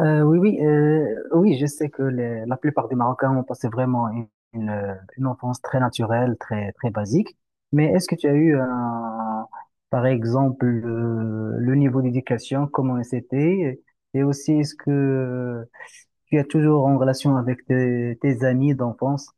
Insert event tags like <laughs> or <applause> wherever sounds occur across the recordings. Oui, oui, oui, je sais que la plupart des Marocains ont passé vraiment une enfance très naturelle, très, très basique. Mais est-ce que tu as eu, par exemple, le niveau d'éducation, comment c'était? Et aussi, est-ce que tu es toujours en relation avec tes amis d'enfance?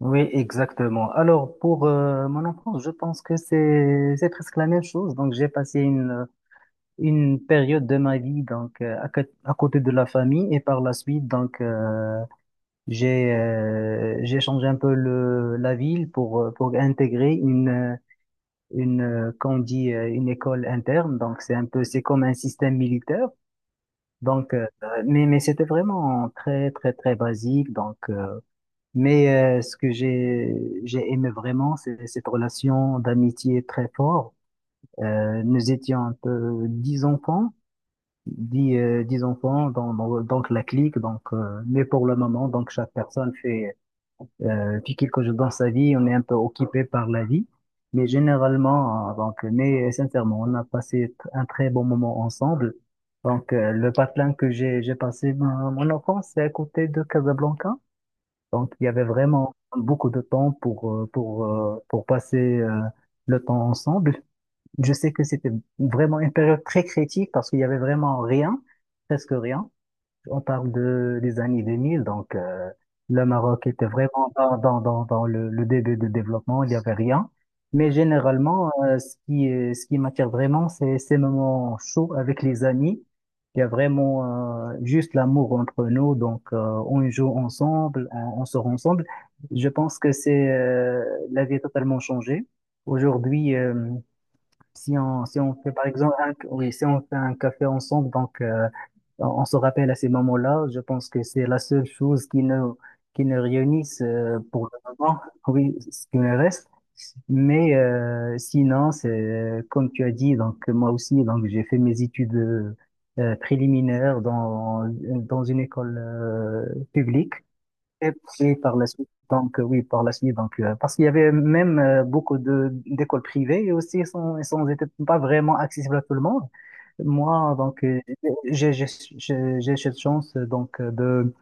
Oui, exactement. Alors, pour mon enfance, je pense que c'est presque la même chose. Donc, j'ai passé une période de ma vie donc à côté de la famille, et par la suite donc j'ai changé un peu le la ville pour intégrer une qu'on dit une école interne, donc c'est comme un système militaire donc mais c'était vraiment très très très basique donc mais ce que j'ai aimé vraiment, c'est cette relation d'amitié très forte. Nous étions un peu dix enfants, donc la clique, donc, mais pour le moment, donc chaque personne fait quelque chose dans sa vie, on est un peu occupé par la vie, mais généralement, donc, mais sincèrement, on a passé un très bon moment ensemble. Donc, le patelin que j'ai passé mon enfance, c'est à côté de Casablanca. Donc, il y avait vraiment beaucoup de temps pour passer, le temps ensemble. Je sais que c'était vraiment une période très critique parce qu'il y avait vraiment rien, presque rien. On parle des années 2000, donc le Maroc était vraiment dans le début de développement, il n'y avait rien. Mais généralement, ce qui m'attire vraiment, c'est ces moments chauds avec les amis. Il y a vraiment juste l'amour entre nous, donc on joue ensemble, on sort ensemble. Je pense que c'est la vie a totalement changé. Aujourd'hui, si on fait par exemple oui, si on fait un café ensemble, donc on se rappelle à ces moments-là. Je pense que c'est la seule chose qui nous réunissent pour le moment, <laughs> oui, ce qui me reste. Mais sinon, c'est comme tu as dit. Donc moi aussi, donc j'ai fait mes études préliminaires dans une école publique. Et puis par la suite, donc oui, par la suite, donc parce qu'il y avait même beaucoup de d'écoles privées, et aussi elles étaient pas vraiment accessibles à tout le monde. Moi, donc j'ai j'ai j'ai cette chance donc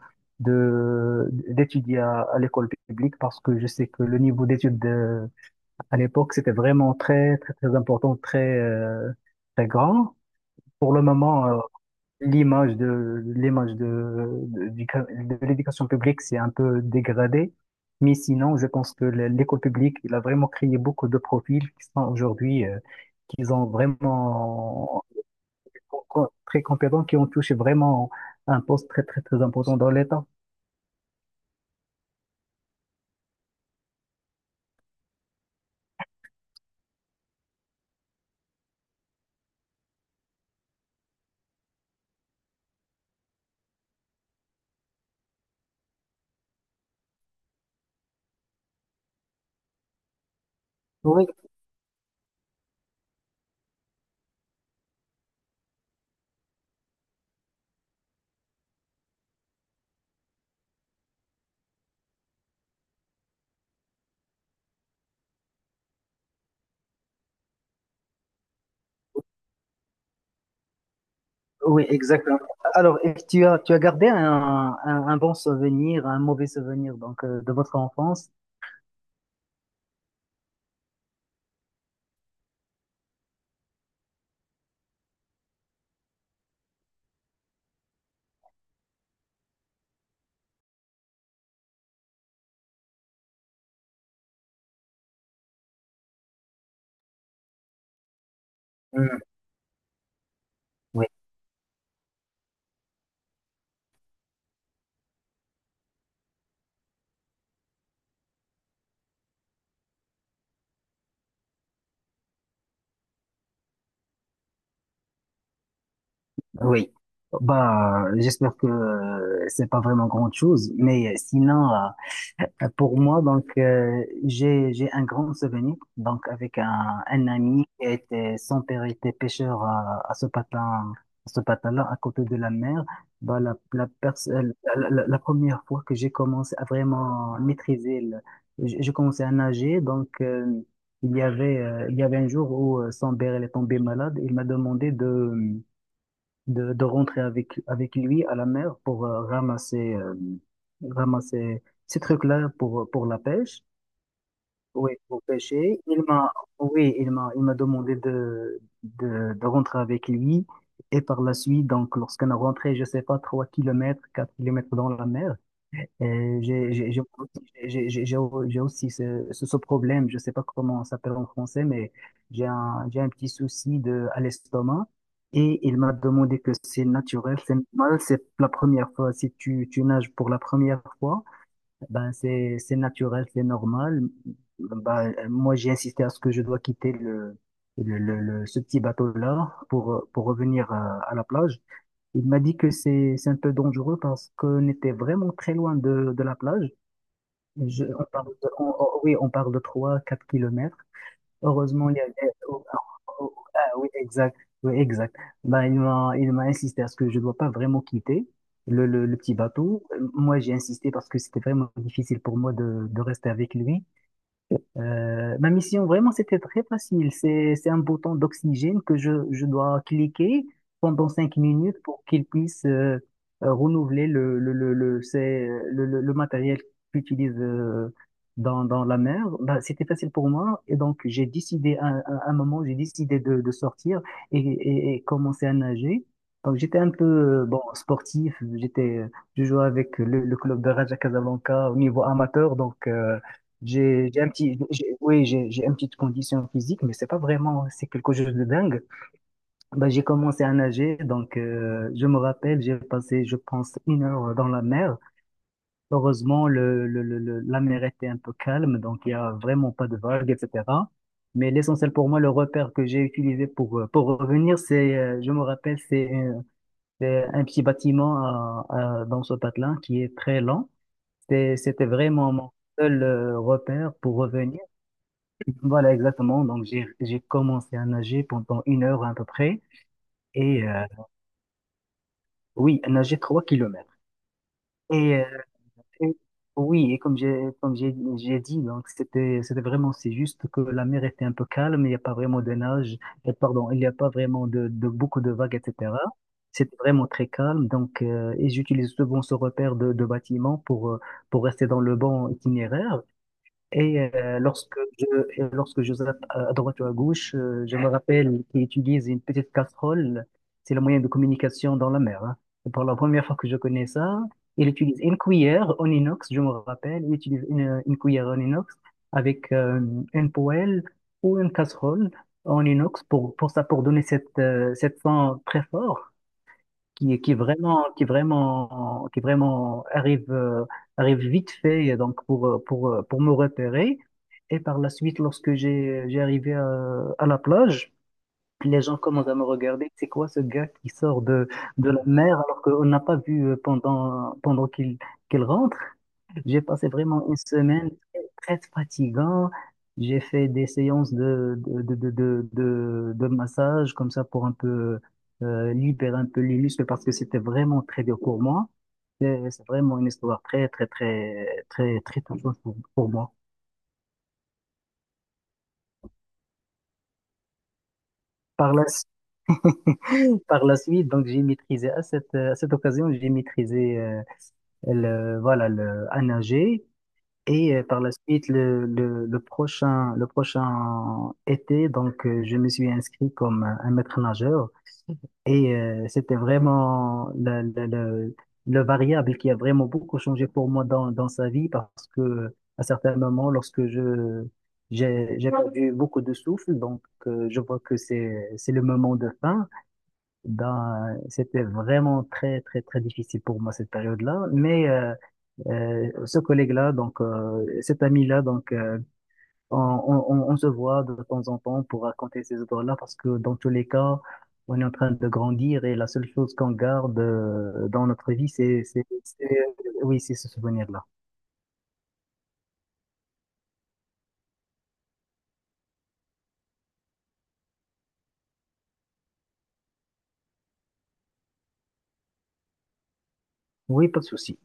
de d'étudier à l'école publique, parce que je sais que le niveau d'études à l'époque c'était vraiment très très très important, très très grand. Pour le moment, l'image de l'éducation publique s'est un peu dégradée. Mais sinon, je pense que l'école publique, il a vraiment créé beaucoup de profils qui sont aujourd'hui, qui sont vraiment très compétents, qui ont touché vraiment un poste très, très, très important dans l'État. Oui, oui, exactement. Alors, et tu as gardé un bon souvenir, un mauvais souvenir donc de votre enfance? Hmm. Oui, bah, j'espère que c'est pas vraiment grande chose, mais sinon, pour moi, donc, j'ai un grand souvenir, donc, avec un ami qui était, son père était pêcheur à ce patin-là, à côté de la mer. Bah, la, pers- la, la- la première fois que j'ai commencé à vraiment maîtriser j'ai commencé à nager, donc, il y avait un jour où son père il est tombé malade, il m'a demandé de rentrer avec lui à la mer pour ramasser ces trucs-là pour la pêche. Oui, pour pêcher. Oui, il m'a demandé de rentrer avec lui. Et par la suite, donc, lorsqu'on a rentré, je sais pas, 3 kilomètres, 4 kilomètres dans la mer, euh, j'ai j'ai- j'ai- j'ai- j'ai- j'ai- j'ai aussi ce problème, je sais pas comment on s'appelle en français, mais j'ai un petit souci à l'estomac. Et il m'a demandé que c'est naturel, c'est normal, c'est la première fois. Si tu nages pour la première fois, ben, c'est naturel, c'est normal. Ben, moi, j'ai insisté à ce que je dois quitter ce petit bateau-là pour revenir à la plage. Il m'a dit que c'est un peu dangereux parce qu'on était vraiment très loin de la plage. On parle de- on- oui, on parle de 3, 4 kilomètres. Heureusement, il y avait. Oh, ah, oh, ah, oui, exact. Oui, exact. Ben, il m'a insisté à ce que je ne dois pas vraiment quitter le petit bateau. Moi, j'ai insisté parce que c'était vraiment difficile pour moi de rester avec lui. Ma mission, vraiment, c'était très facile. C'est un bouton d'oxygène que je dois cliquer pendant 5 minutes pour qu'il puisse renouveler le, c'est, le matériel qu'il utilise dans la mer. Bah, c'était facile pour moi. Et donc, j'ai décidé, à un moment, j'ai décidé de sortir et commencer à nager. Donc, j'étais un peu bon, sportif. Je jouais avec le club de Raja Casablanca au niveau amateur. Donc, j'ai un petit, oui, j'ai une petite condition physique, mais c'est pas vraiment, c'est quelque chose de dingue. Bah, j'ai commencé à nager, donc je me rappelle, j'ai passé, je pense, 1 heure dans la mer. Heureusement, la mer était un peu calme, donc il y a vraiment pas de vagues, etc. Mais l'essentiel pour moi, le repère que j'ai utilisé pour revenir, je me rappelle, c'est un petit bâtiment dans ce patelin qui est très lent. C'était vraiment mon seul repère pour revenir. Voilà, exactement. Donc, j'ai commencé à nager pendant 1 heure à peu près. Et oui, à nager 3 kilomètres. Et, euh, et- oui, et comme j'ai dit, donc, c'était vraiment, c'est juste que la mer était un peu calme, il n'y a pas vraiment de nage, pardon, il n'y a pas vraiment de beaucoup de vagues, etc. C'était vraiment très calme. Donc, et j'utilise souvent ce repère de bâtiment pour rester dans le bon itinéraire. Et lorsque je zappe à droite ou à gauche, je me rappelle qu'il utilise une petite casserole. C'est le moyen de communication dans la mer, hein. Et pour la première fois que je connais ça, il utilise une cuillère en inox, je me rappelle. Il utilise une cuillère en inox avec une poêle ou une casserole en inox pour ça, pour donner cette fin très fort qui vraiment arrive vite fait donc pour me repérer. Et par la suite, lorsque j'ai arrivé à la plage, les gens commencent à me regarder. C'est quoi ce gars qui sort de la mer alors qu'on n'a pas vu pendant qu'il rentre? J'ai passé vraiment une semaine très, très fatigante. J'ai fait des séances de massage comme ça pour un peu libérer un peu les muscles parce que c'était vraiment très dur pour moi. C'est vraiment une histoire très, très, très, très, très touchante pour moi. Par la suite, par la suite, donc j'ai maîtrisé à cette occasion, j'ai maîtrisé voilà, à nager. Et par la suite, le prochain été, donc, je me suis inscrit comme un maître nageur. Et c'était vraiment le variable qui a vraiment beaucoup changé pour moi dans sa vie, parce que à certains moments, j'ai perdu beaucoup de souffle, donc je vois que c'est le moment de fin. Ben, c'était vraiment très, très, très difficile pour moi cette période-là. Mais ce collègue-là, donc cet ami-là, donc on se voit de temps en temps pour raconter ces histoires-là, parce que dans tous les cas, on est en train de grandir, et la seule chose qu'on garde dans notre vie, c'est, oui, c'est ce souvenir-là. Oui, pas de souci.